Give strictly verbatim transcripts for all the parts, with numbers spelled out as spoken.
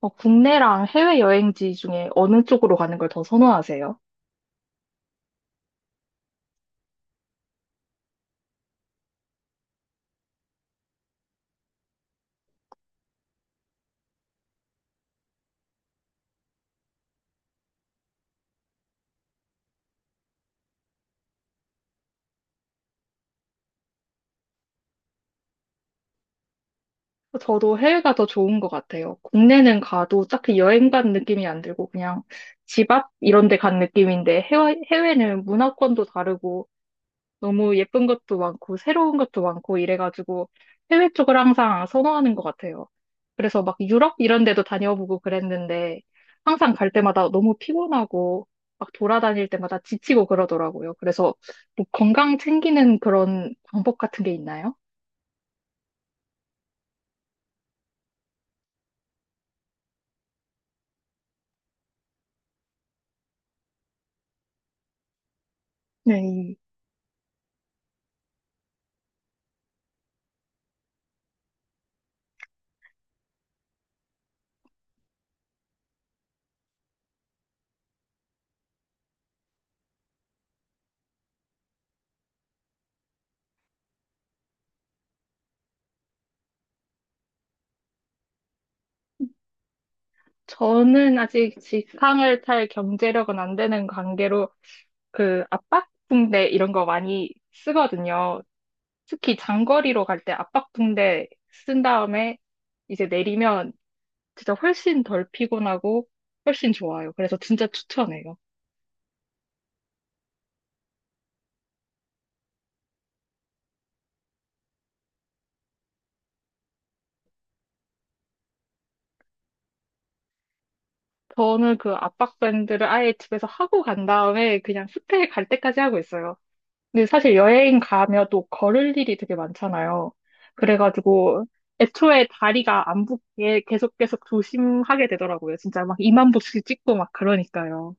어, 국내랑 해외 여행지 중에 어느 쪽으로 가는 걸 더 선호하세요? 저도 해외가 더 좋은 것 같아요. 국내는 가도 딱히 여행 간 느낌이 안 들고 그냥 집 앞 이런 데 간 느낌인데 해외, 해외는 문화권도 다르고 너무 예쁜 것도 많고 새로운 것도 많고 이래가지고 해외 쪽을 항상 선호하는 것 같아요. 그래서 막 유럽 이런 데도 다녀보고 그랬는데 항상 갈 때마다 너무 피곤하고 막 돌아다닐 때마다 지치고 그러더라고요. 그래서 뭐 건강 챙기는 그런 방법 같은 게 있나요? 네, 저는 아직 직항을 탈 경제력은 안 되는 관계로 그 압박붕대 이런 거 많이 쓰거든요. 특히 장거리로 갈 때 압박붕대 쓴 다음에 이제 내리면 진짜 훨씬 덜 피곤하고 훨씬 좋아요. 그래서 진짜 추천해요. 저는 그 압박밴드를 아예 집에서 하고 간 다음에 그냥 호텔 갈 때까지 하고 있어요. 근데 사실 여행 가면 또 걸을 일이 되게 많잖아요. 그래가지고 애초에 다리가 안 붓게 계속 계속 조심하게 되더라고요. 진짜 막 이만 보씩 찍고 막 그러니까요.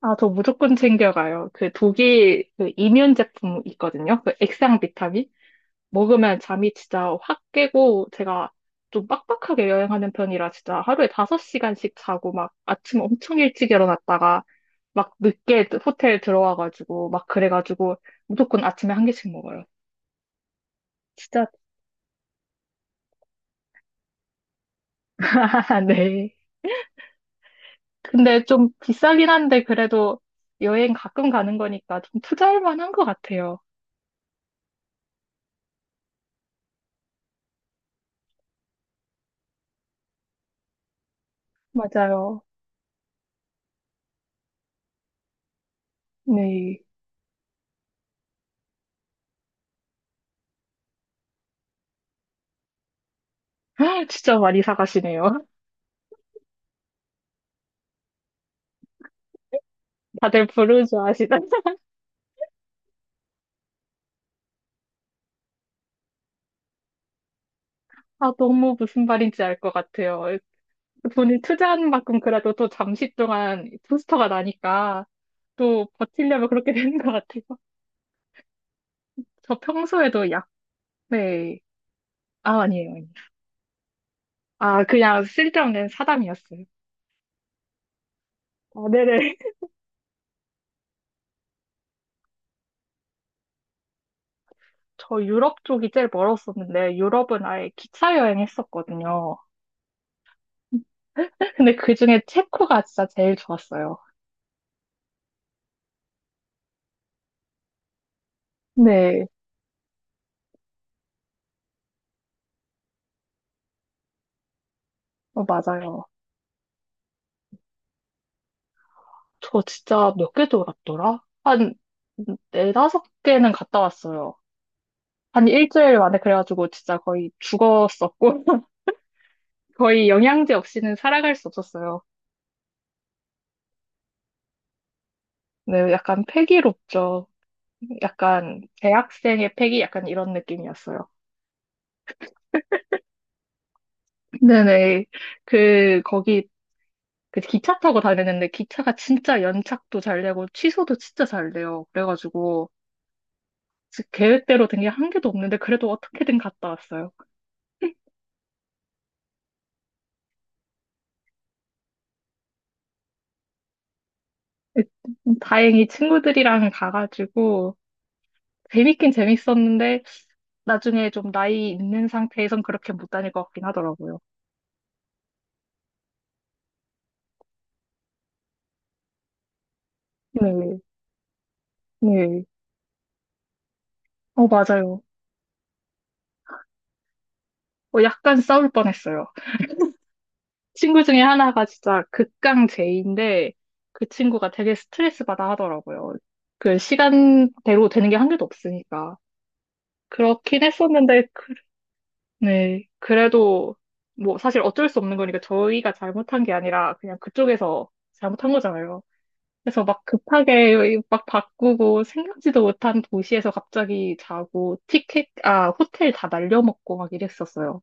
아, 저 무조건 챙겨가요. 그 독일 그 이면 제품 있거든요. 그 액상 비타민. 먹으면 잠이 진짜 확 깨고 제가 좀 빡빡하게 여행하는 편이라 진짜 하루에 다섯 시간씩 자고 막 아침 엄청 일찍 일어났다가 막 늦게 호텔 들어와가지고 막 그래가지고 무조건 아침에 한 개씩 먹어요. 진짜. 네. 근데 좀 비싸긴 한데 그래도 여행 가끔 가는 거니까 좀 투자할 만한 것 같아요. 맞아요. 네. 진짜 많이 사가시네요. 다들 부르주 아시나? 아, 너무 무슨 말인지 알 것 같아요. 돈을 투자한 만큼 그래도 또 잠시 동안 부스터가 나니까 또 버티려면 그렇게 되는 것 같아요. 저 평소에도 약, 네. 아, 아니에요, 아니에요. 아, 그냥 쓸데없는 사담이었어요. 아, 네네. 저 유럽 쪽이 제일 멀었었는데, 유럽은 아예 기차 여행했었거든요. 근데 그중에 체코가 진짜 제일 좋았어요. 네, 어, 맞아요. 저 진짜 몇 개 돌았더라? 한 네다섯 개는 갔다 왔어요. 한 일주일 만에 그래가지고 진짜 거의 죽었었고, 거의 영양제 없이는 살아갈 수 없었어요. 네, 약간 패기롭죠. 약간 대학생의 패기 약간 이런 느낌이었어요. 네네. 그, 거기, 그 기차 타고 다니는데 기차가 진짜 연착도 잘 되고 취소도 진짜 잘 돼요. 그래가지고 지- 계획대로 된 게 한 개도 없는데 그래도 어떻게든 갔다 왔어요. 다행히 친구들이랑 가가지고 재밌긴 재밌었는데 나중에 좀 나이 있는 상태에선 그렇게 못 다닐 것 같긴 하더라고요. 네, 네. 어, 맞아요. 어, 약간 싸울 뻔했어요. 친구 중에 하나가 진짜 극강 제이인데 그 친구가 되게 스트레스 받아 하더라고요. 그 시간대로 되는 게 한 개도 없으니까. 그렇긴 했었는데, 그, 네. 그래도 뭐 사실 어쩔 수 없는 거니까 저희가 잘못한 게 아니라 그냥 그쪽에서 잘못한 거잖아요. 그래서 막 급하게 막 바꾸고 생각지도 못한 도시에서 갑자기 자고 티켓, 아, 호텔 다 날려먹고 막 이랬었어요.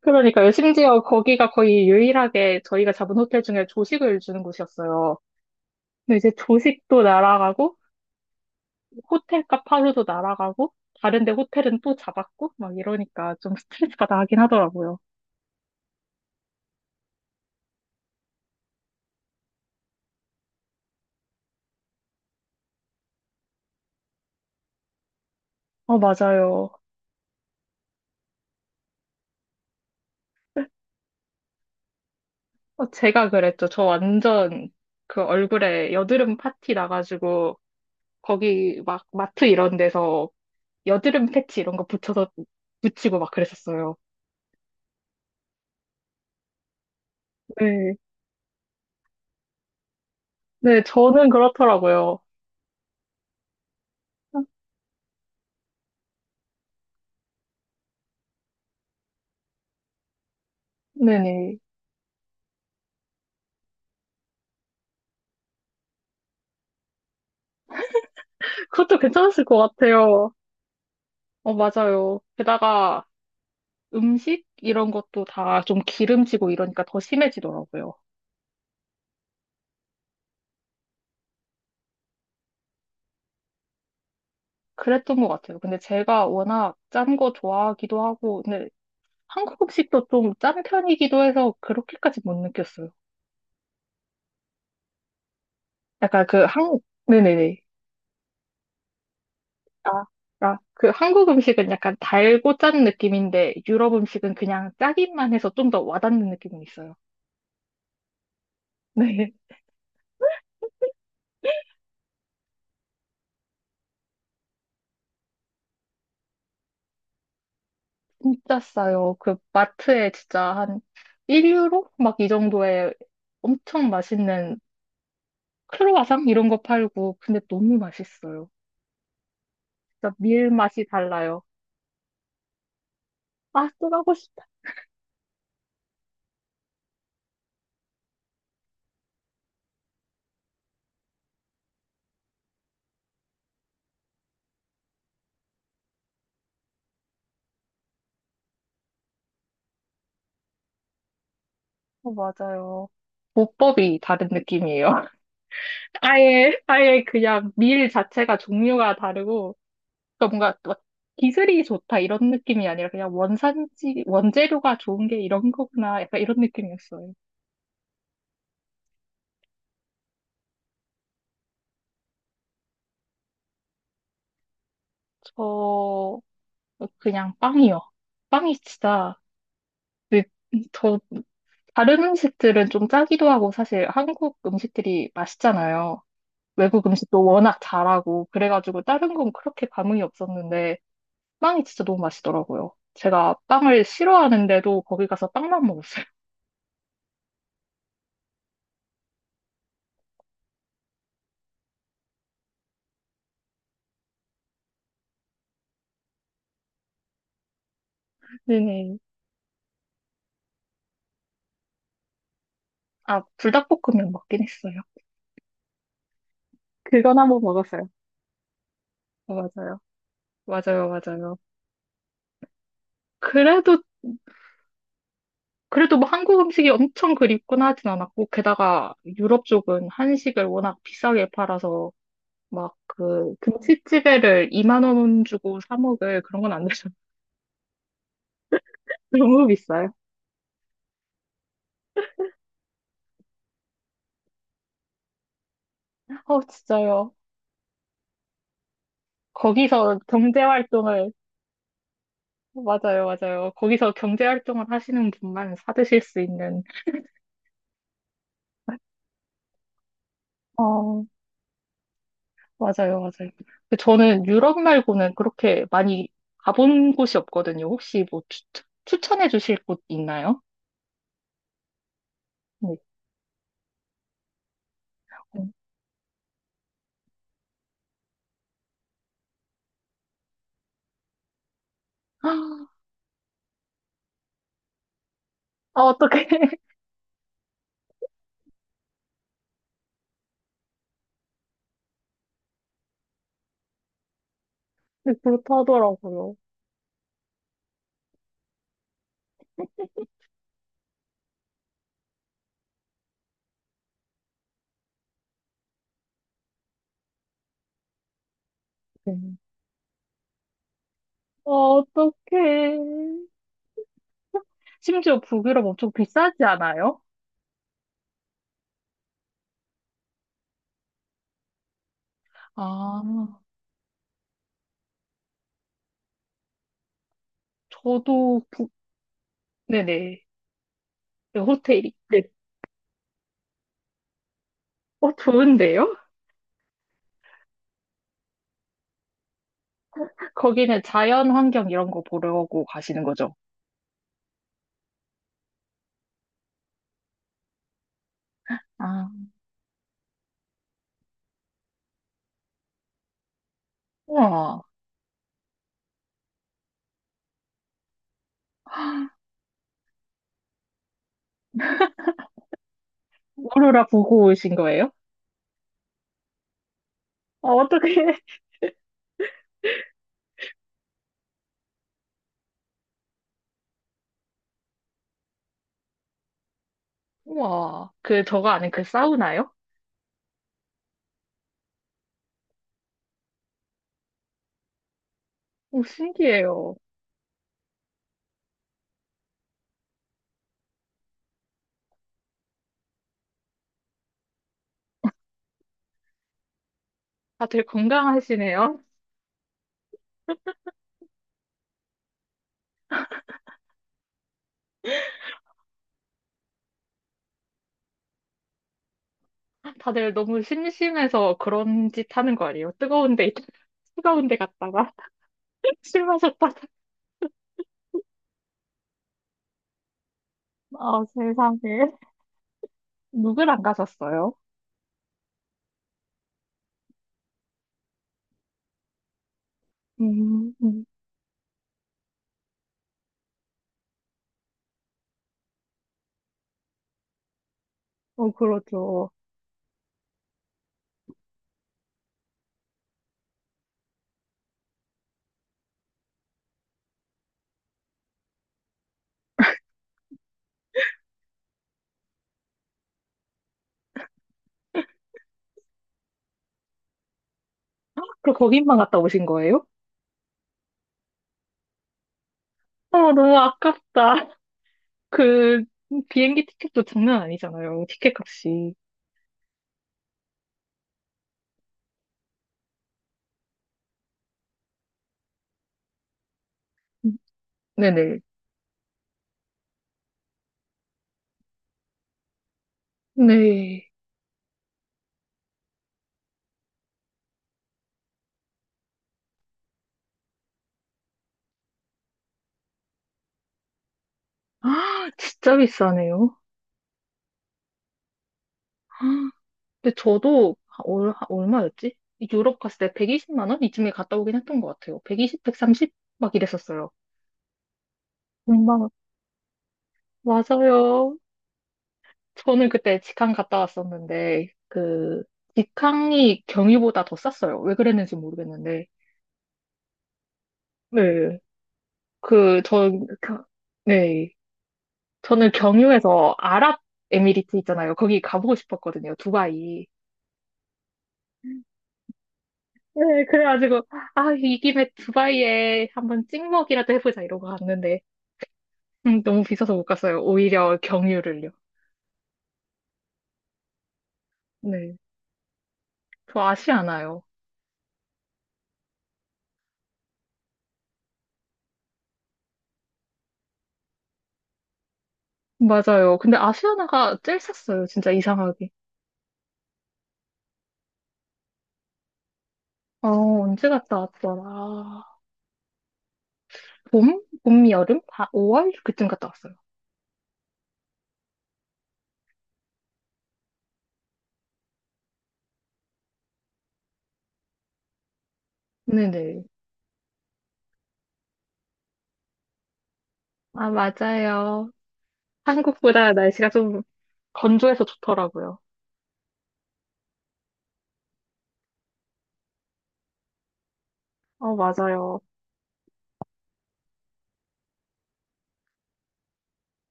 그러니까요. 심지어 거기가 거의 유일하게 저희가 잡은 호텔 중에 조식을 주는 곳이었어요. 근데 이제 조식도 날아가고 호텔값 하루도 날아가고 다른 데 호텔은 또 잡았고 막 이러니까 좀 스트레스 받아 하긴 하더라고요. 어, 맞아요. 어, 제가 그랬죠. 저 완전 그 얼굴에 여드름 파티 나가지고 거기 막 마트 이런 데서 여드름 패치 이런 거 붙여서 붙이고 막 그랬었어요. 네. 네, 저는 그렇더라고요. 네네. 그것도 괜찮았을 것 같아요. 어, 맞아요. 게다가 음식 이런 것도 다 좀 기름지고 이러니까 더 심해지더라고요. 그랬던 것 같아요. 근데 제가 워낙 짠 거 좋아하기도 하고, 근데 한국 음식도 좀 짠 편이기도 해서 그렇게까지 못 느꼈어요. 약간 그 한, 네네네. 아, 아, 그 한국 음식은 약간 달고 짠 느낌인데 유럽 음식은 그냥 짜기만 해서 좀 더 와닿는 느낌은 있어요. 네, 진짜 싸요. 그 마트에 진짜 한 일 유로? 막 이 정도에 엄청 맛있는 크로와상 이런 거 팔고 근데 너무 맛있어요. 진짜 밀 맛이 달라요. 아, 또 가고 싶다. 어, 맞아요. 보법이 다른 느낌이에요. 아예, 아예 그냥 밀 자체가 종류가 다르고 그러니까 뭔가 막 기술이 좋다 이런 느낌이 아니라 그냥 원산지, 원재료가 좋은 게 이런 거구나. 약간 이런 느낌이었어요. 저, 그냥 빵이요. 빵이 진짜, 그- 저, 다른 음식들은 좀 짜기도 하고 사실 한국 음식들이 맛있잖아요. 외국 음식도 워낙 잘하고, 그래가지고 다른 건 그렇게 감흥이 없었는데, 빵이 진짜 너무 맛있더라고요. 제가 빵을 싫어하는데도 거기 가서 빵만 먹었어요. 네네. 아, 불닭볶음면 먹긴 했어요. 그건 한번 먹었어요. 어, 맞아요. 맞아요, 맞아요. 그래도, 그래도 뭐 한국 음식이 엄청 그립거나 하진 않았고, 게다가 유럽 쪽은 한식을 워낙 비싸게 팔아서, 막 그, 김치찌개를 이만 원 주고 사 먹을 그런 건 안 되죠. 너무 비싸요. 어, 진짜요. 거기서 경제활동을, 맞아요, 맞아요. 거기서 경제활동을 하시는 분만 사드실 수 있는, 어, 맞아요, 맞아요. 근데 저는 유럽 말고는 그렇게 많이 가본 곳이 없거든요. 혹시 뭐 추, 추천해 주실 곳 있나요? 네. 아, 어떡해. 네, 그렇다더라고요. 네. 아, 어떡해. 심지어 북유럽 엄청 비싸지 않아요? 아, 저도 북, 네네. 네, 호텔이. 네. 어, 좋은데요? 거기는 자연 환경 이런 거 보려고 가시는 거죠? 아. 와, 오로라 보고 오신 거예요? 아, 어떡해. 우와, 그 저거 아닌 그 사우나요? 오, 신기해요. 다들 건강하시네요. 다들 너무 심심해서 그런 짓 하는 거 아니에요? 뜨거운 데, 있- 뜨거운 데 갔다가 술 마셨다가. 아, 세상에. 누굴 안 가셨어요? 음, 음. 어, 그렇죠. 그럼 거기만 갔다 오신 거예요? 어, 너무 아깝다. 그 비행기 티켓도 장난 아니잖아요. 티켓 값이. 음. 네네. 네. 아, 진짜 비싸네요. 근데 저도 하- 얼, 하- 얼마였지? 유럽 갔을 때 백이십만 원? 이쯤에 갔다 오긴 했던 것 같아요. 백이십, 백삼십? 막 이랬었어요. 엄마, 맞아요. 저는 그때 직항 갔다 왔었는데, 그, 직항이 경유보다 더 쌌어요. 왜 그랬는지 모르겠는데. 네. 그, 저, 겨- 네. 저는 경유에서 아랍에미리트 있잖아요. 거기 가보고 싶었거든요. 두바이. 네, 그래가지고, 아, 이 김에 두바이에 한번 찍먹이라도 해보자 이러고 갔는데, 음, 너무 비싸서 못 갔어요. 오히려 경유를요. 네. 저 아시아나요. 맞아요. 근데 아시아나가 제일 쌌어요. 진짜 이상하게. 어, 언제 갔다 왔더라. 봄? 봄, 여름? 다 오월? 그쯤 갔다 왔어요. 네네. 아, 맞아요. 한국보다 날씨가 좀 건조해서 좋더라고요. 어, 맞아요.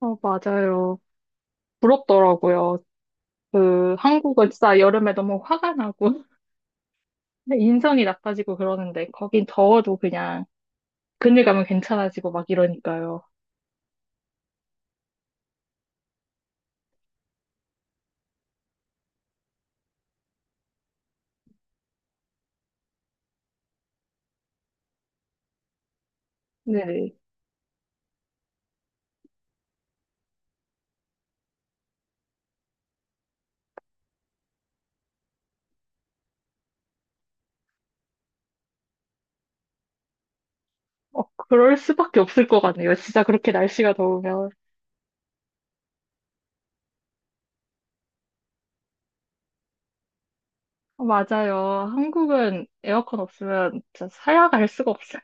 어, 맞아요. 부럽더라고요. 그, 한국은 진짜 여름에 너무 화가 나고 인성이 나빠지고 그러는데, 거긴 더워도 그냥 그늘 가면 괜찮아지고 막 이러니까요. 네네. 어, 그럴 수밖에 없을 것 같네요. 진짜 그렇게 날씨가 더우면. 어, 맞아요. 한국은 에어컨 없으면 진짜 살아갈 수가 없어요.